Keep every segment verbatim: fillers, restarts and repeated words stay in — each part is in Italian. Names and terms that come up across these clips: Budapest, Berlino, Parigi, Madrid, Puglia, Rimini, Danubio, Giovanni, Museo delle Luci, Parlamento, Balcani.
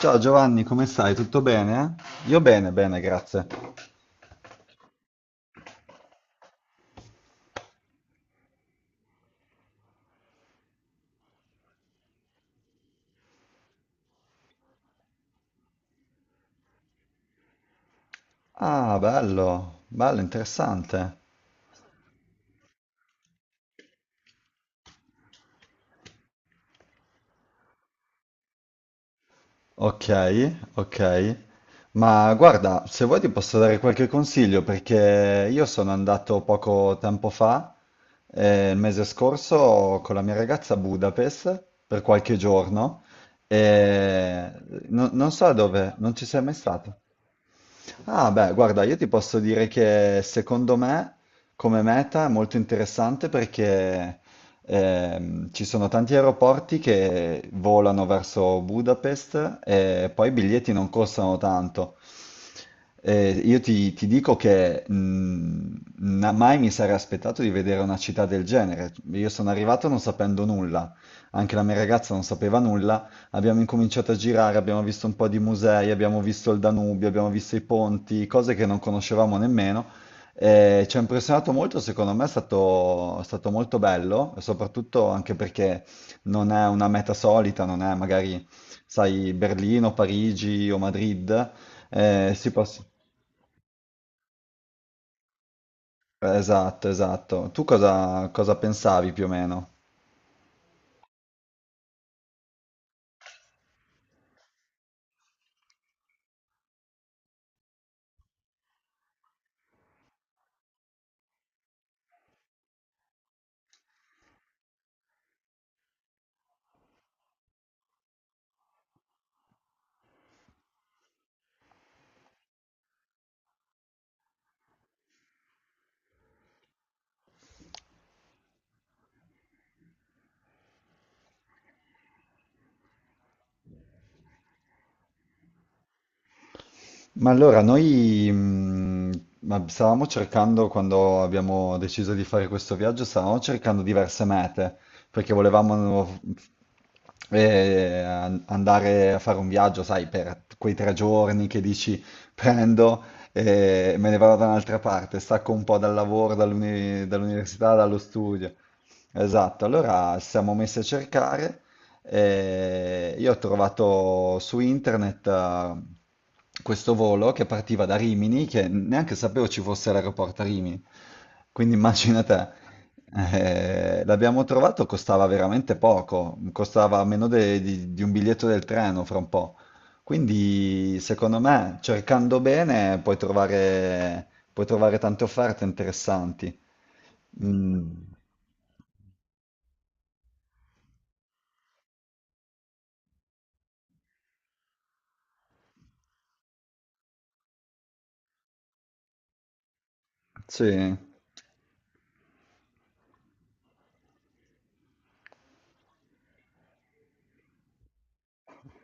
Ciao Giovanni, come stai? Tutto bene? Io bene, bene, grazie. Ah, bello, bello, interessante. Ok, ok. Ma guarda, se vuoi ti posso dare qualche consiglio perché io sono andato poco tempo fa, eh, il mese scorso, con la mia ragazza a Budapest per qualche giorno e no- non so dove, non ci sei mai stato. Ah, beh, guarda, io ti posso dire che secondo me come meta è molto interessante perché ehm, ci sono tanti aeroporti che volano verso Budapest e poi i biglietti non costano tanto. Eh, io ti, ti dico che mh, na- mai mi sarei aspettato di vedere una città del genere. Io sono arrivato non sapendo nulla, anche la mia ragazza non sapeva nulla. Abbiamo incominciato a girare, abbiamo visto un po' di musei, abbiamo visto il Danubio, abbiamo visto i ponti, cose che non conoscevamo nemmeno. Eh, ci ha impressionato molto, secondo me è stato, è stato molto bello, e soprattutto anche perché non è una meta solita, non è magari, sai, Berlino, Parigi o Madrid. Eh, si poss- Esatto, esatto. Tu cosa, cosa pensavi più o meno? Ma allora, noi mh, ma stavamo cercando, quando abbiamo deciso di fare questo viaggio, stavamo cercando diverse mete, perché volevamo eh, an- andare a fare un viaggio, sai, per quei tre giorni che dici prendo e me ne vado da un'altra parte, stacco un po' dal lavoro, dall'uni- dall'università, dallo studio. Esatto, allora ci siamo messi a cercare. Eh, io ho trovato su internet eh, questo volo che partiva da Rimini, che neanche sapevo ci fosse l'aeroporto a Rimini. Quindi immagina te. Eh, l'abbiamo trovato, costava veramente poco, costava meno de- di, di un biglietto del treno fra un po'. Quindi secondo me, cercando bene, puoi trovare, puoi trovare tante offerte interessanti. Mm, sì.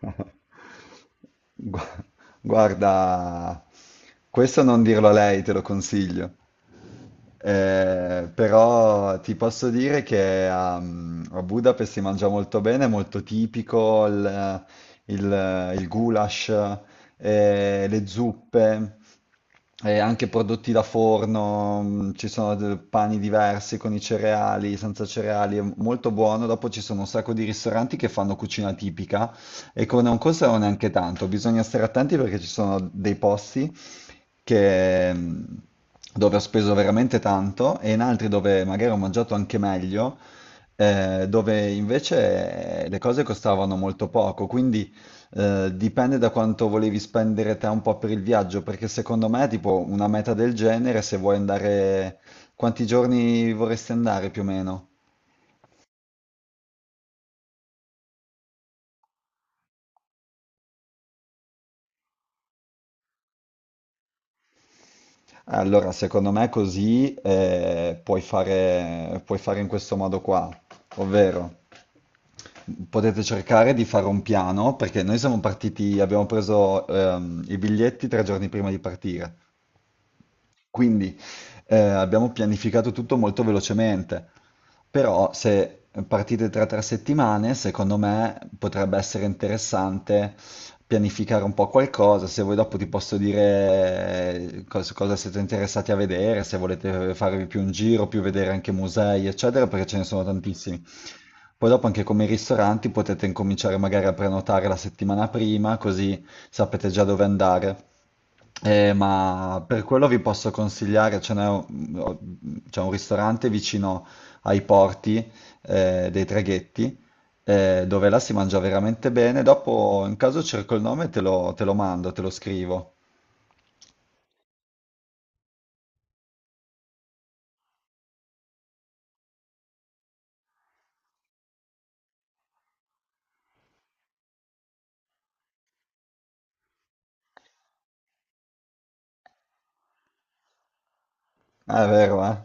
Gua- Guarda, questo non dirlo a lei, te lo consiglio. Eh, però ti posso dire che a, a Budapest si mangia molto bene, è molto tipico il, il- il goulash, eh, le zuppe, eh, anche prodotti da forno. Mh, ci sono de- pani diversi con i cereali, senza cereali, è molto buono. Dopo ci sono un sacco di ristoranti che fanno cucina tipica e che non costano neanche tanto. Bisogna stare attenti perché ci sono dei posti che, mh, dove ho speso veramente tanto e in altri dove magari ho mangiato anche meglio, eh, dove invece eh, le cose costavano molto poco. Quindi eh, dipende da quanto volevi spendere te un po' per il viaggio, perché secondo me, tipo, una meta del genere, se vuoi andare, quanti giorni vorresti andare più o meno? Allora, secondo me così eh, puoi fare, puoi fare in questo modo qua, ovvero potete cercare di fare un piano perché noi siamo partiti, abbiamo preso ehm, i biglietti tre giorni prima di partire. Quindi eh, abbiamo pianificato tutto molto velocemente, però se partite tra tre settimane, secondo me potrebbe essere interessante pianificare un po' qualcosa, se voi dopo ti posso dire eh, cos- cosa siete interessati a vedere, se volete farvi più un giro, più vedere anche musei, eccetera, perché ce ne sono tantissimi. Poi dopo anche come i ristoranti potete incominciare magari a prenotare la settimana prima, così sapete già dove andare. Eh, ma per quello vi posso consigliare, ce n'è un, c'è un ristorante vicino ai porti, eh, dei traghetti, eh, dove là si mangia veramente bene. Dopo, in caso cerco il nome, e te lo, te lo mando, te lo scrivo. Ah, è vero, eh?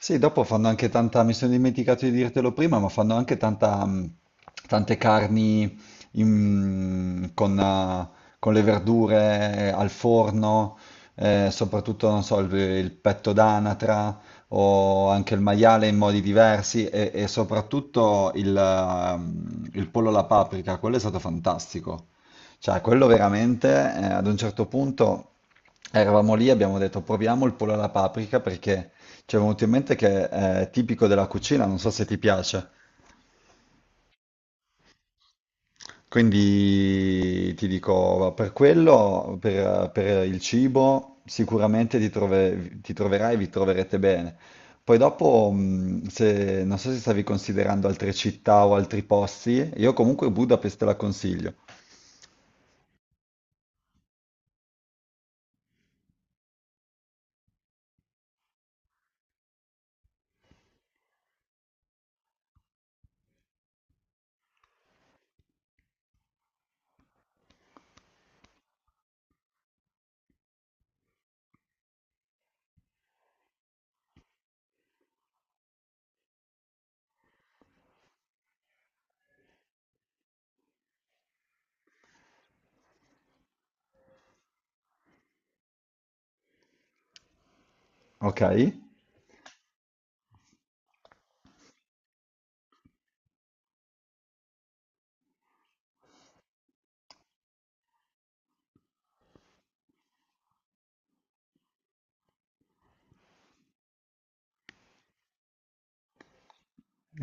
Sì, dopo fanno anche tanta, mi sono dimenticato di dirtelo prima, ma fanno anche tanta, mh, tante carni in- con, eh, con le verdure al forno, eh, soprattutto, non so, il, il petto d'anatra o anche il maiale in modi diversi e, e soprattutto il, ehm, il pollo alla paprika, quello è stato fantastico. Cioè, quello veramente, eh, ad un certo punto eravamo lì e abbiamo detto proviamo il pollo alla paprika perché... Ci è venuto in mente che è tipico della cucina, non so se ti piace. Quindi ti dico, per quello, per, per il cibo, sicuramente ti trove- ti troverai e vi troverete bene. Poi dopo, mh, se, non so se stavi considerando altre città o altri posti, io comunque Budapest te la consiglio. Ok? È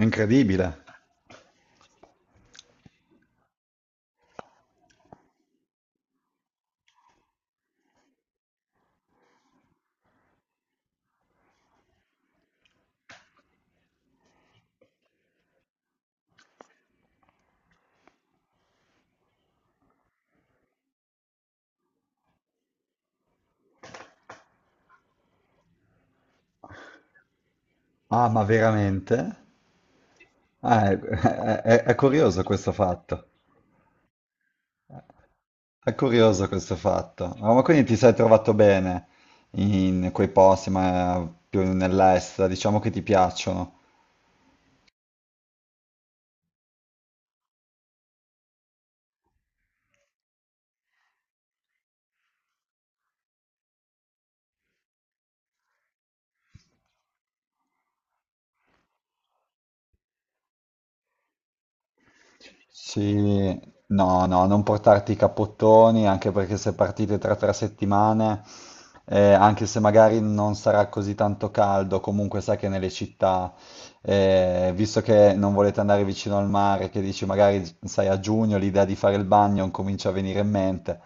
incredibile. Ah, ma veramente? Ah, è, è- è- è curioso questo fatto. È curioso questo fatto. Ah, ma quindi ti sei trovato bene in quei posti, ma più nell'est, diciamo che ti piacciono. Sì, no, no, non portarti i cappottoni, anche perché se partite tra tre settimane, eh, anche se magari non sarà così tanto caldo, comunque sai che nelle città, eh, visto che non volete andare vicino al mare, che dici magari, sai, a giugno l'idea di fare il bagno comincia a venire in mente.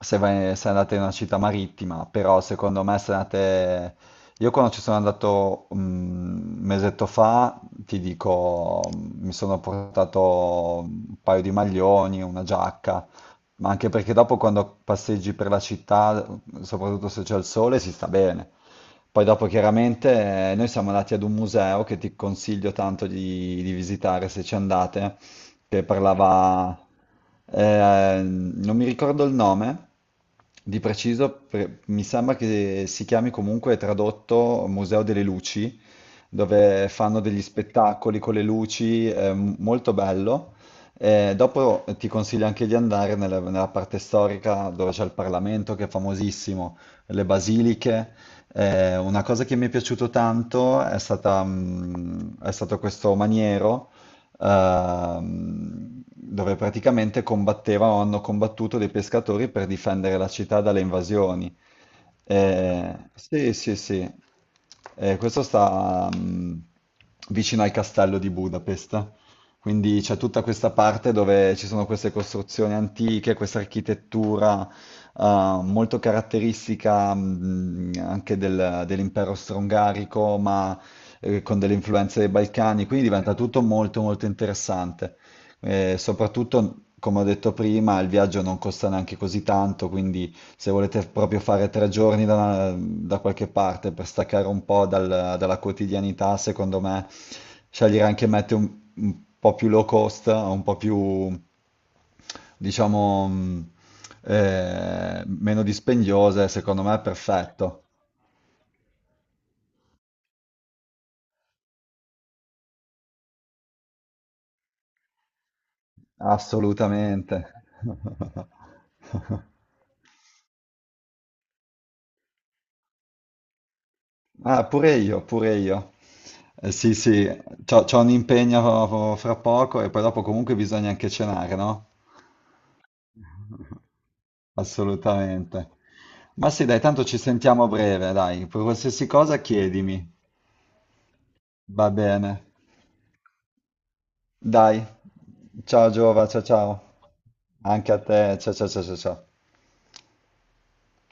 se, vai- Se andate in una città marittima, però secondo me se andate... Io quando ci sono andato un mesetto fa, ti dico, mi sono portato un paio di maglioni, una giacca, ma anche perché dopo quando passeggi per la città, soprattutto se c'è il sole, si sta bene. Poi dopo chiaramente eh, noi siamo andati ad un museo che ti consiglio tanto di, di visitare se ci andate, che parlava, eh, non mi ricordo il nome di preciso, pre- mi sembra che si chiami comunque tradotto Museo delle Luci, dove fanno degli spettacoli con le luci, è m- molto bello. Eh, dopo ti consiglio anche di andare nella, nella parte storica dove c'è il Parlamento, che è famosissimo, le basiliche. Eh, una cosa che mi è piaciuto tanto è stata, mm, è stato questo maniero, ehm, dove praticamente combattevano, o hanno combattuto dei pescatori per difendere la città dalle invasioni. Eh, sì, sì, sì. Eh, questo sta mm, vicino al castello di Budapest. Quindi c'è tutta questa parte dove ci sono queste costruzioni antiche, questa architettura eh, molto caratteristica, mm, anche del- dell'impero strongarico, ma eh, con delle influenze dei Balcani, quindi diventa tutto molto molto interessante. Eh, soprattutto, come ho detto prima, il viaggio non costa neanche così tanto, quindi se volete proprio fare tre giorni da, una- da qualche parte per staccare un po' dal- dalla quotidianità, secondo me scegliere anche mete un, un po' più low cost, un po' più, diciamo, mh, eh, meno dispendiose, secondo me è perfetto. Assolutamente. Ah, pure io, pure io. Eh, sì, sì, c'ho, c'ho un impegno fra poco e poi dopo comunque bisogna anche cenare, no? Assolutamente. Ma sì, dai, tanto ci sentiamo a breve, dai. Per qualsiasi cosa chiedimi. Va bene. Dai. Ciao Giova, ciao ciao. Anche a te. Ciao ciao ciao ciao ciao.